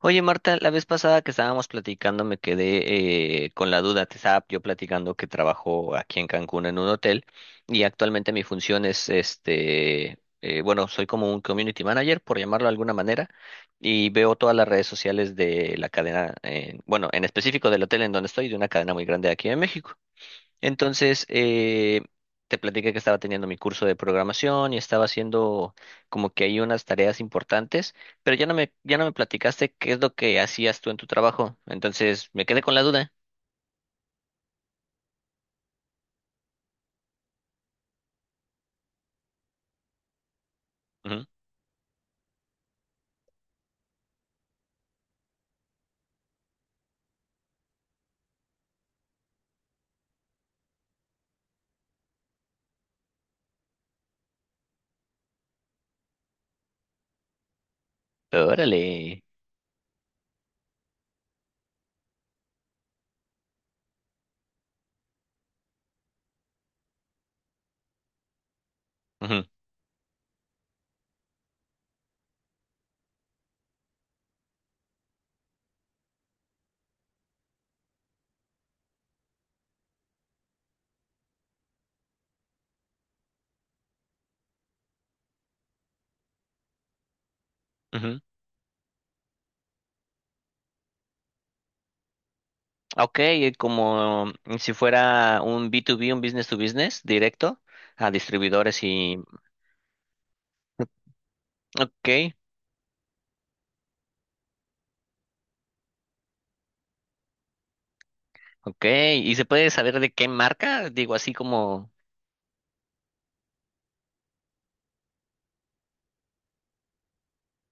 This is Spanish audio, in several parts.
Oye, Marta, la vez pasada que estábamos platicando me quedé con la duda. Te estaba yo platicando que trabajo aquí en Cancún en un hotel y actualmente mi función es, bueno, soy como un community manager, por llamarlo de alguna manera, y veo todas las redes sociales de la cadena, bueno, en específico del hotel en donde estoy, de una cadena muy grande de aquí en México. Entonces, eh, Te platiqué que estaba teniendo mi curso de programación y estaba haciendo como que hay unas tareas importantes, pero ya no me platicaste qué es lo que hacías tú en tu trabajo. Entonces, me quedé con la duda. Ujú. Órale. Ujú, ujú. Ok, como si fuera un B2B, un business to business directo a distribuidores y... Ok, ok. ¿Y se puede saber de qué marca? Digo, así como...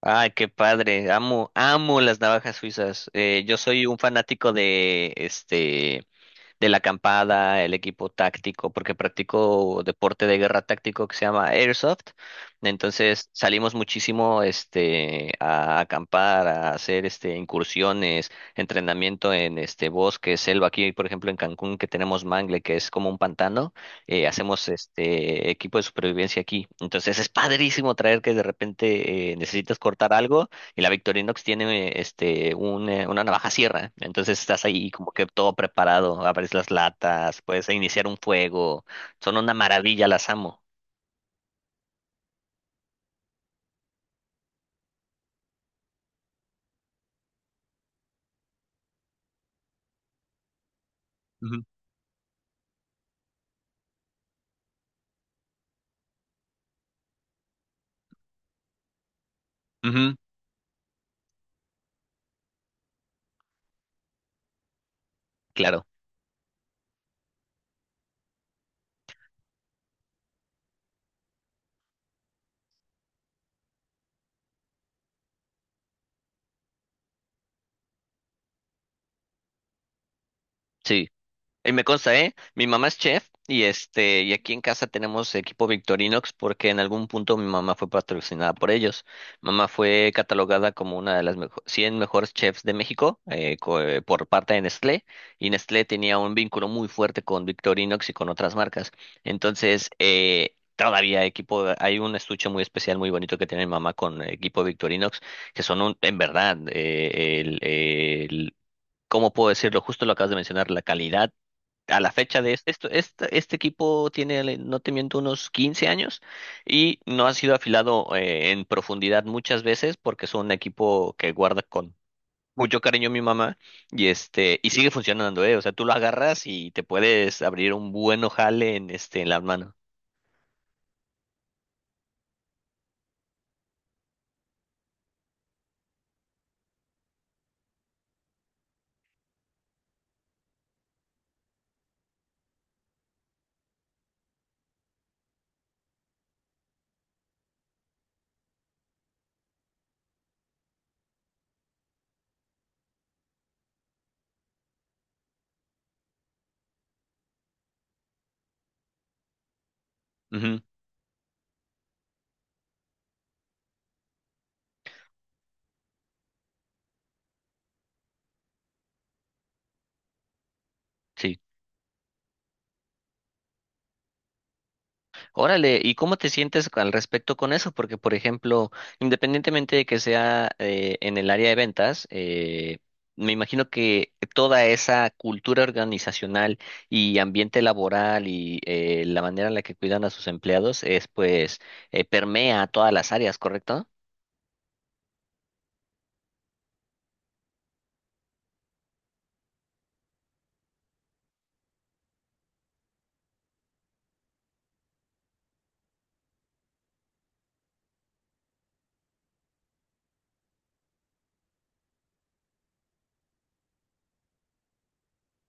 Ay, qué padre. Amo, amo las navajas suizas. Yo soy un fanático de este de la acampada, el equipo táctico, porque practico deporte de guerra táctico que se llama Airsoft. Entonces salimos muchísimo a acampar, a hacer incursiones, entrenamiento en bosque, selva. Aquí, por ejemplo, en Cancún, que tenemos mangle, que es como un pantano, hacemos este equipo de supervivencia aquí. Entonces es padrísimo traer que de repente necesitas cortar algo. Y la Victorinox tiene una navaja sierra. Entonces estás ahí como que todo preparado. Abres las latas, puedes iniciar un fuego. Son una maravilla, las amo. Ujú, ujú, claro. Sí. Y me consta, ¿eh? Mi mamá es chef y y aquí en casa tenemos equipo Victorinox porque en algún punto mi mamá fue patrocinada por ellos. Mamá fue catalogada como una de las 100 mejores chefs de México por parte de Nestlé y Nestlé tenía un vínculo muy fuerte con Victorinox y con otras marcas. Todavía equipo, hay un estuche muy especial, muy bonito que tiene mi mamá con equipo Victorinox, que son un, en verdad, el- ¿cómo puedo decirlo? Justo lo acabas de mencionar, la calidad a la fecha de este equipo tiene, no te miento, unos 15 años y no ha sido afilado en profundidad muchas veces porque es un equipo que guarda con mucho cariño mi mamá y y sigue funcionando, o sea, tú lo agarras y te puedes abrir un buen ojale en en la mano. Ujú, sí. Órale, ¿y cómo te sientes al respecto con eso? Porque, por ejemplo, independientemente de que sea en el área de ventas, me imagino que toda esa cultura organizacional y ambiente laboral y la manera en la que cuidan a sus empleados es, pues, permea a todas las áreas, ¿correcto?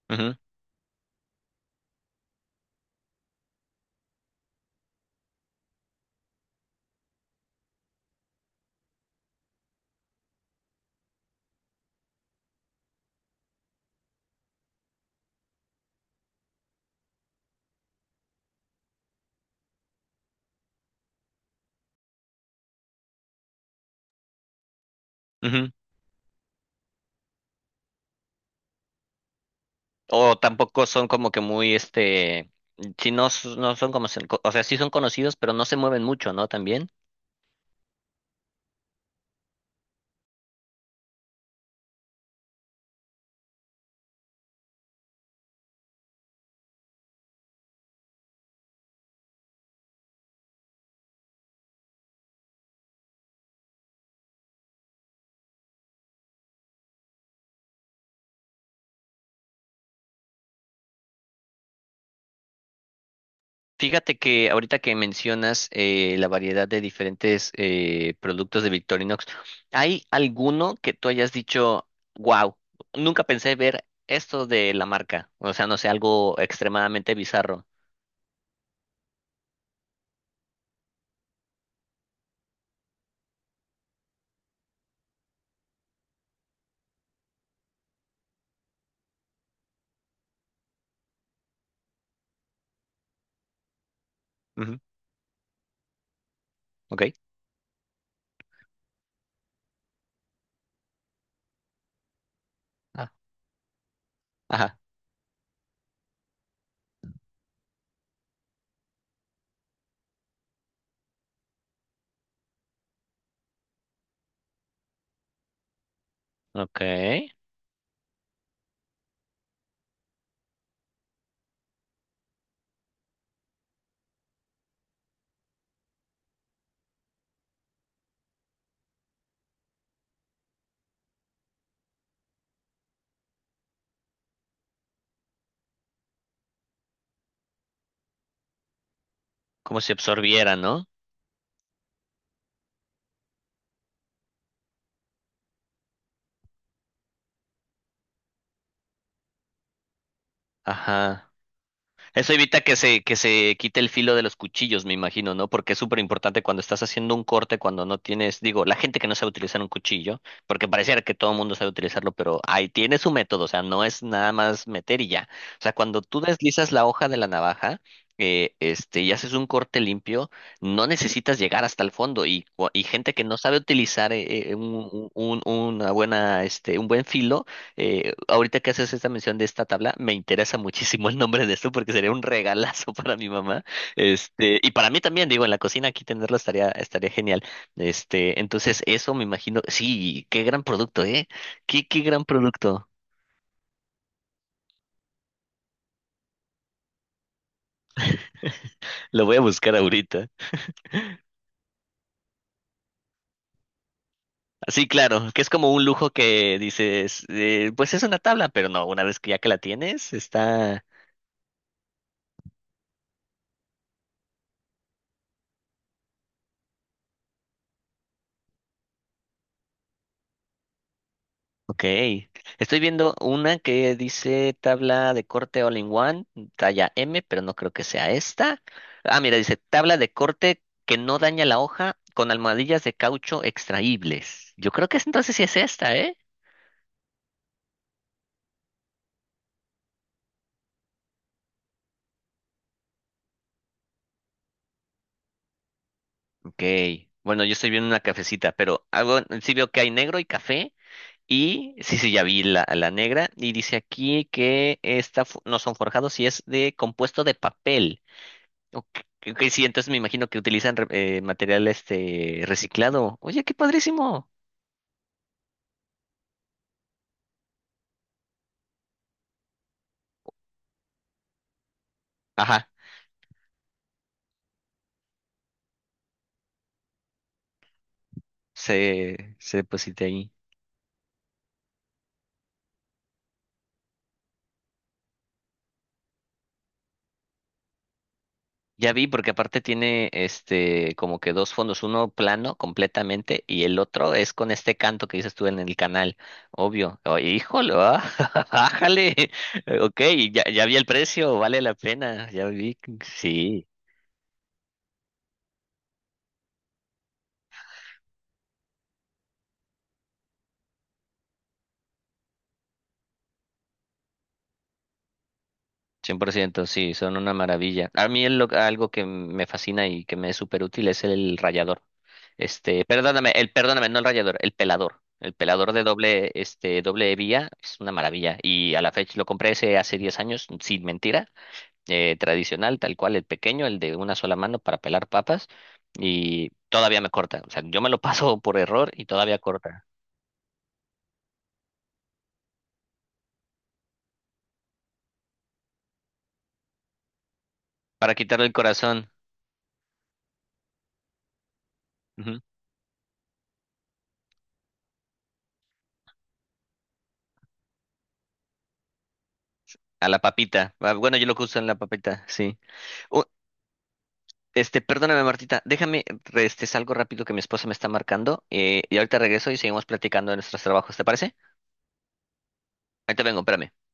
Ujú, ujú. O tampoco son como que muy, si no, no son como, o sea, sí son conocidos, pero no se mueven mucho, ¿no? También. Fíjate que ahorita que mencionas la variedad de diferentes productos de Victorinox, ¿hay alguno que tú hayas dicho, wow, nunca pensé ver esto de la marca? O sea, no sé, algo extremadamente bizarro. Ujú, ok. Ah, ajá. Ok. Como si absorbiera, ¿no? Ajá. Eso evita que que se quite el filo de los cuchillos, me imagino, ¿no? Porque es súper importante cuando estás haciendo un corte, cuando no tienes, digo, la gente que no sabe utilizar un cuchillo, porque pareciera que todo el mundo sabe utilizarlo, pero ahí tiene su método, o sea, no es nada más meter y ya. O sea, cuando tú deslizas la hoja de la navaja, y haces un corte limpio, no necesitas llegar hasta el fondo. Y, y gente que no sabe utilizar una buena, un buen filo ahorita que haces esta mención de esta tabla, me interesa muchísimo el nombre de esto porque sería un regalazo para mi mamá. Y para mí también, digo, en la cocina aquí tenerlo estaría, estaría genial. Entonces eso me imagino, sí, qué gran producto, ¿eh? Qué, qué gran producto. Lo voy a buscar ahorita. Sí, claro, que es como un lujo que dices, pues es una tabla, pero no, una vez que ya que la tienes, está, ok, estoy viendo una que dice tabla de corte all in one, talla M, pero no creo que sea esta. Ah, mira, dice tabla de corte que no daña la hoja con almohadillas de caucho extraíbles. Yo creo que entonces sí es esta, ¿eh? Ok, bueno, yo estoy viendo una cafecita, pero algo, sí veo que hay negro y café. Y sí, sí, ya vi la negra. Y dice aquí que esta no son forjados y es de compuesto de papel. Ok, ok, ok, sí, entonces me imagino que utilizan material este reciclado. Oye, qué padrísimo. Ajá, se deposita ahí. Ya vi, porque aparte tiene este como que dos fondos, uno plano completamente y el otro es con este canto que dices tú en el canal, obvio. Oh, híjole, ah, bájale. Ok, ya, ya vi el precio, vale la pena, ya vi, sí. 100%, sí, son una maravilla. A mí algo que me fascina y que me es súper útil es el rallador. Perdóname, perdóname, no el rallador, el pelador. El pelador de doble, doble vía es una maravilla. Y a la fecha lo compré ese hace 10 años, sin mentira, tradicional, tal cual, el pequeño, el de una sola mano para pelar papas. Y todavía me corta. O sea, yo me lo paso por error y todavía corta. Para quitarle el corazón, ujú, a la papita. Ah, bueno, yo lo que uso en la papita, sí. Perdóname, Martita, déjame, salgo rápido que mi esposa me está marcando y ahorita regreso y seguimos platicando de nuestros trabajos, ¿te parece? Ahorita vengo, espérame.